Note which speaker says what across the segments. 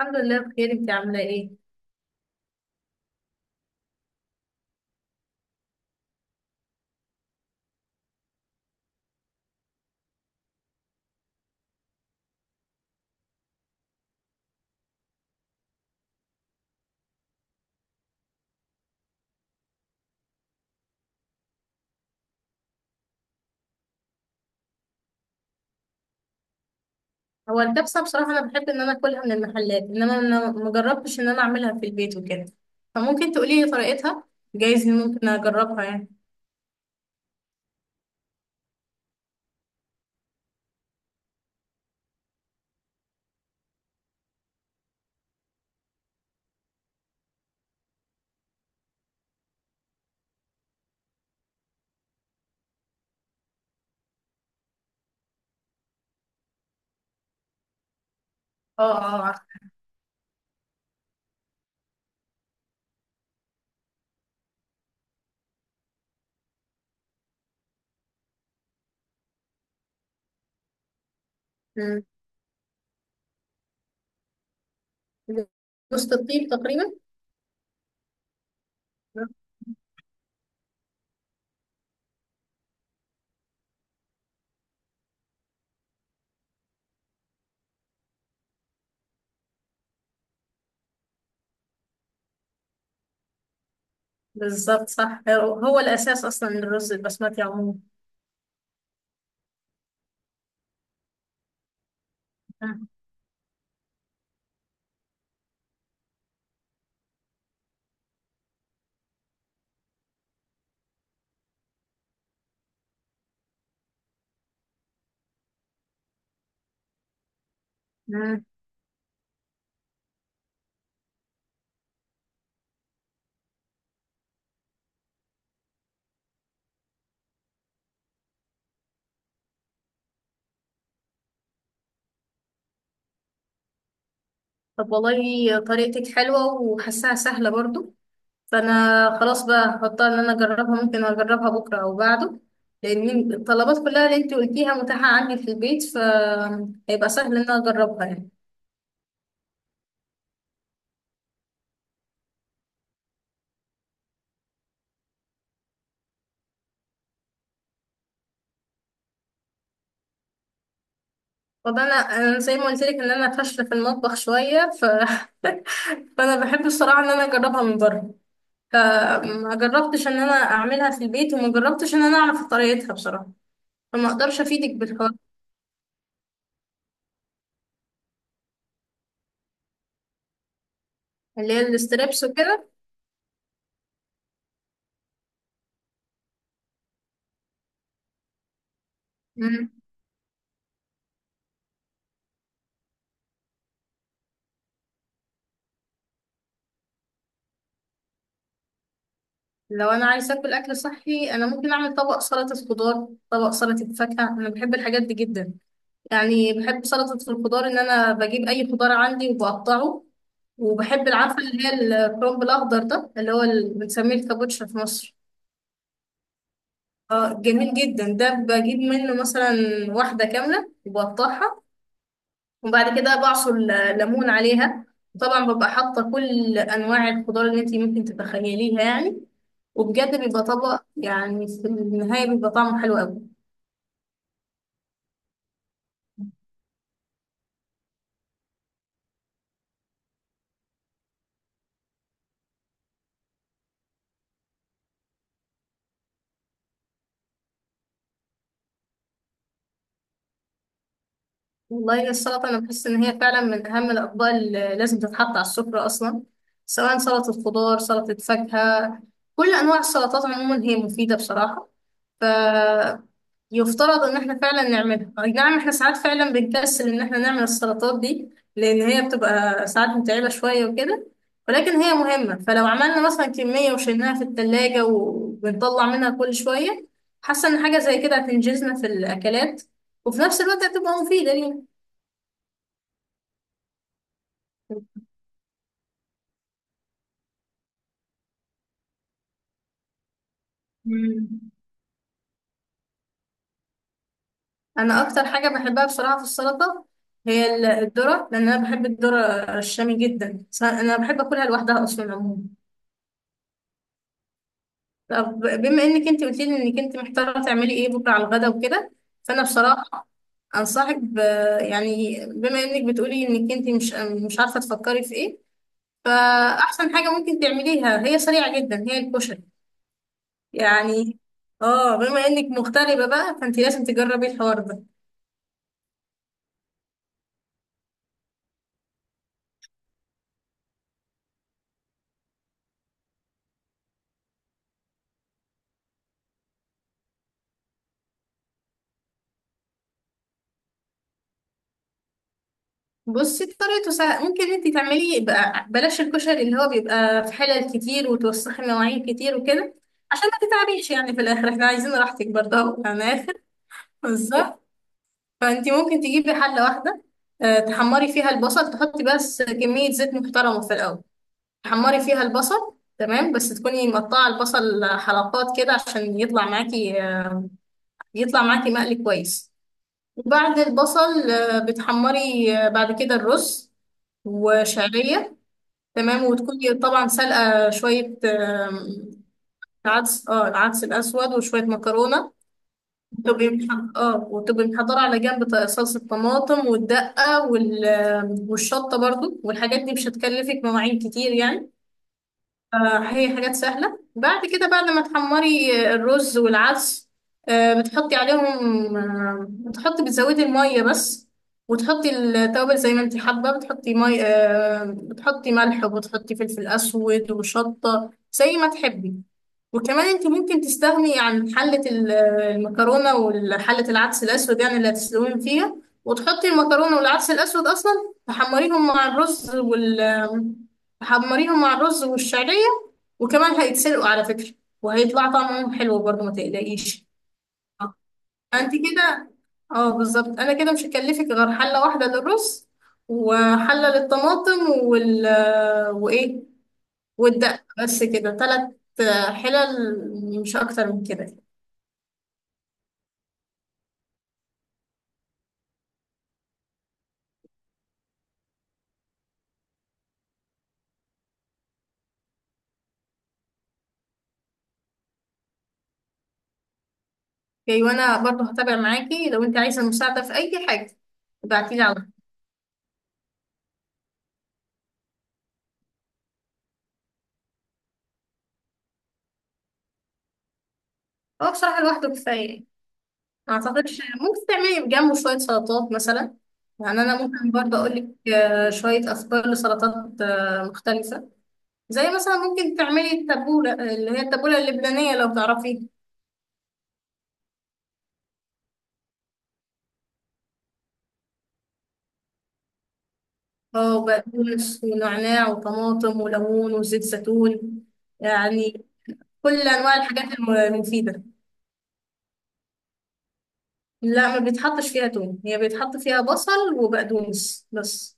Speaker 1: الحمد لله بخير، انت عامله ايه؟ هو الكبسه بصراحه انا بحب ان انا اكلها من المحلات، انما انا ما جربتش ان انا اعملها في البيت وكده، فممكن تقولي لي طريقتها. جايز إن ممكن اجربها يعني. اه، اه، عارفه. مم. وسط الطيب تقريبا. مم. بالظبط صح، هو الاساس اصلا للرز البسمتي عموما. مم. مم. طب والله طريقتك حلوه وحاساها سهله برضو. فانا خلاص بقى هحطها ان انا اجربها، ممكن اجربها بكره او بعده، لان الطلبات كلها اللي انت قلتيها متاحه عندي في البيت، فهيبقى سهل ان انا اجربها يعني. طب انا زي ما قلت لك ان انا فاشله في المطبخ شويه، فانا بحب الصراحه ان انا اجربها من بره، فما جربتش ان انا اعملها في البيت، وما جربتش ان انا اعرف طريقتها بصراحه، فما اقدرش افيدك بالحوار. اللي هي الاستريبس وكده. لو انا عايزه اكل اكل صحي، انا ممكن اعمل طبق سلطه خضار، طبق سلطه فاكهه، انا بحب الحاجات دي جدا. يعني بحب سلطه الخضار، ان انا بجيب اي خضار عندي وبقطعه. وبحب العفه اللي هي الكرنب الاخضر ده، اللي هو بنسميه الكابوتشا في مصر. اه جميل جدا ده، بجيب منه مثلا واحده كامله وبقطعها، وبعد كده بعصر ليمون عليها. طبعا ببقى حاطه كل انواع الخضار اللي انت ممكن تتخيليها يعني، وبجد بيبقى طبق، يعني في النهاية بيبقى طعمه حلو أوي. والله السلطة أنا بحس إن هي فعلا من أهم الأطباق اللي لازم تتحط على السفرة أصلا، سواء سلطة خضار، سلطة فاكهة، كل أنواع السلطات عموما هي مفيدة بصراحة. ف يفترض إن إحنا فعلا نعملها. أي نعم، إحنا ساعات فعلا بنكسل إن إحنا نعمل السلطات دي، لأن هي بتبقى ساعات متعبة شوية وكده، ولكن هي مهمة، فلو عملنا مثلا كمية وشيلناها في التلاجة وبنطلع منها كل شوية، حاسة إن حاجة زي كده هتنجزنا في الأكلات، وفي نفس الوقت هتبقى مفيدة لينا. مم. انا اكتر حاجه بحبها بصراحه في السلطه هي الذره، لان انا بحب الذره الشامي جدا، انا بحب اكلها لوحدها اصلا عموما. طب بما انك انت قلت لي انك انت محتاره تعملي ايه بكره على الغدا وكده، فانا بصراحه انصحك يعني بما انك بتقولي انك انت مش عارفه تفكري في ايه، فاحسن حاجه ممكن تعمليها هي سريعه جدا، هي الكشري. يعني اه، بما انك مغتربه بقى، فانت لازم تجربي الحوار ده. بصي طريقته سهلة، ممكن انت تعملي بقى بلاش الكشري اللي هو بيبقى في حلل كتير وتوسخي مواعين كتير وكده، عشان ما تتعبيش يعني، في الاخر احنا عايزين راحتك برضه اهو، يعني اخر. بالظبط. فانت ممكن تجيبي حلة واحدة، تحمري فيها البصل، تحطي بس كمية زيت محترمة في الاول، تحمري فيها البصل تمام، بس تكوني مقطعة البصل حلقات كده عشان يطلع معاكي، يطلع معاكي مقلي كويس. وبعد البصل بتحمري بعد كده الرز وشعرية، تمام. وتكوني طبعا سلقة شوية، عدس، العدس الأسود وشوية مكرونة. تبقي وتبقي محضرة على جنب، صلصة طماطم والدقة والشطة برضو، والحاجات دي مش هتكلفك مواعين كتير يعني. هي حاجات سهلة. بعد كده بعد ما تحمري الرز والعدس، بتحطي عليهم، بتحطي بتزودي المية بس. وتحطي التوابل زي ما انت حابة، بتحطي مي آه، بتحطي ملح وبتحطي فلفل أسود وشطة زي ما تحبي. وكمان انت ممكن تستغني عن حلة المكرونة وحلة العدس الأسود، يعني اللي هتسلقيهم فيها، وتحطي المكرونة والعدس الأسود أصلا تحمريهم مع الرز تحمريهم مع الرز والشعرية، وكمان هيتسلقوا على فكرة، وهيطلع طعمهم حلو برضه ما تقلقيش. انت كده، اه بالظبط، انا كده مش هكلفك غير حلة واحدة للرز، وحلة للطماطم وايه والدقة، بس كده ثلاث حلل، مش اكتر من كده. اوكي، وانا برضه هتابع معاكي لو انت عايزة مساعدة في اي حاجة، ابعتيلي على طول. هو بصراحة لوحده كفاية. ما اعتقدش، ممكن تعملي جنبه شويه سلطات مثلا. يعني انا ممكن برضه اقول لك شويه افكار لسلطات مختلفه، زي مثلا ممكن تعملي التبوله، اللي هي التبوله اللبنانيه لو تعرفيها. اه بقدونس ونعناع وطماطم وليمون وزيت زيتون، يعني كل انواع الحاجات المفيده. لا، ما بيتحطش فيها توم، هي بيتحط فيها بصل وبقدونس بس.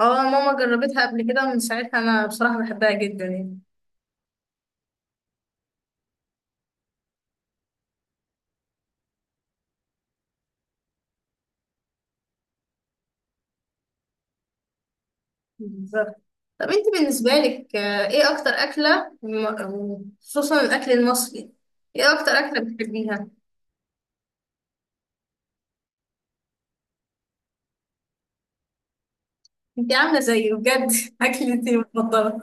Speaker 1: اه ماما جربتها قبل كده، ومن ساعتها انا بصراحه بحبها جدا يعني. بالظبط. طب انت بالنسبة لك، ايه اكتر اكلة خصوصا الاكل المصري، ايه اكتر اكلة بتحبيها؟ انت عاملة زيي بجد اكلتي المفضلة.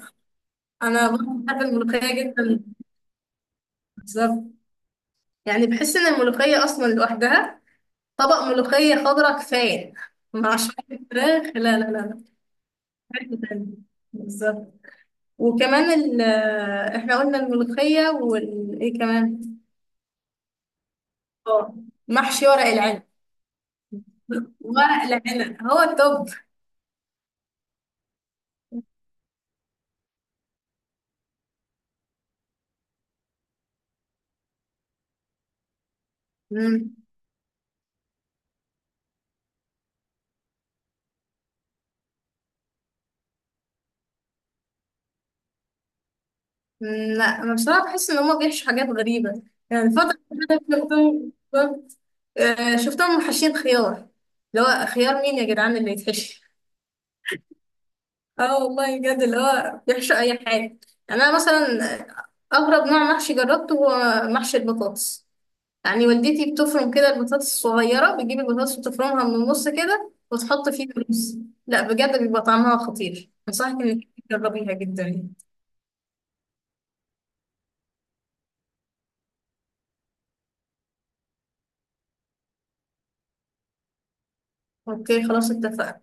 Speaker 1: انا برضه بحب الملوخية جدا. بالظبط. يعني بحس ان الملوخية اصلا لوحدها، طبق ملوخية خضراء كفاية، مع شوية فراخ. لا لا لا لا، حاجة تانية. بالظبط. وكمان احنا قلنا الملوخية وايه كمان؟ اه، محشي ورق العنب. ورق العنب هو التوب. مم. مم، لا انا بصراحه بحس ان هما بيحشوا حاجات غريبه. يعني الفتره اللي فاتت شفتهم حاشين خيار. اللي هو خيار، مين يا جدعان اللي يتحشي؟ اه والله بجد، اللي هو بيحشوا اي حاجه. يعني انا مثلا اغرب نوع محشي جربته هو محشي البطاطس، يعني والدتي بتفرم كده البطاطس الصغيره، بتجيب البطاطس وتفرمها من النص كده وتحط فيها رز. لا بجد، بيبقى طعمها خطير، انصحك انك تجربيها جدا. اوكي خلاص اتفقنا.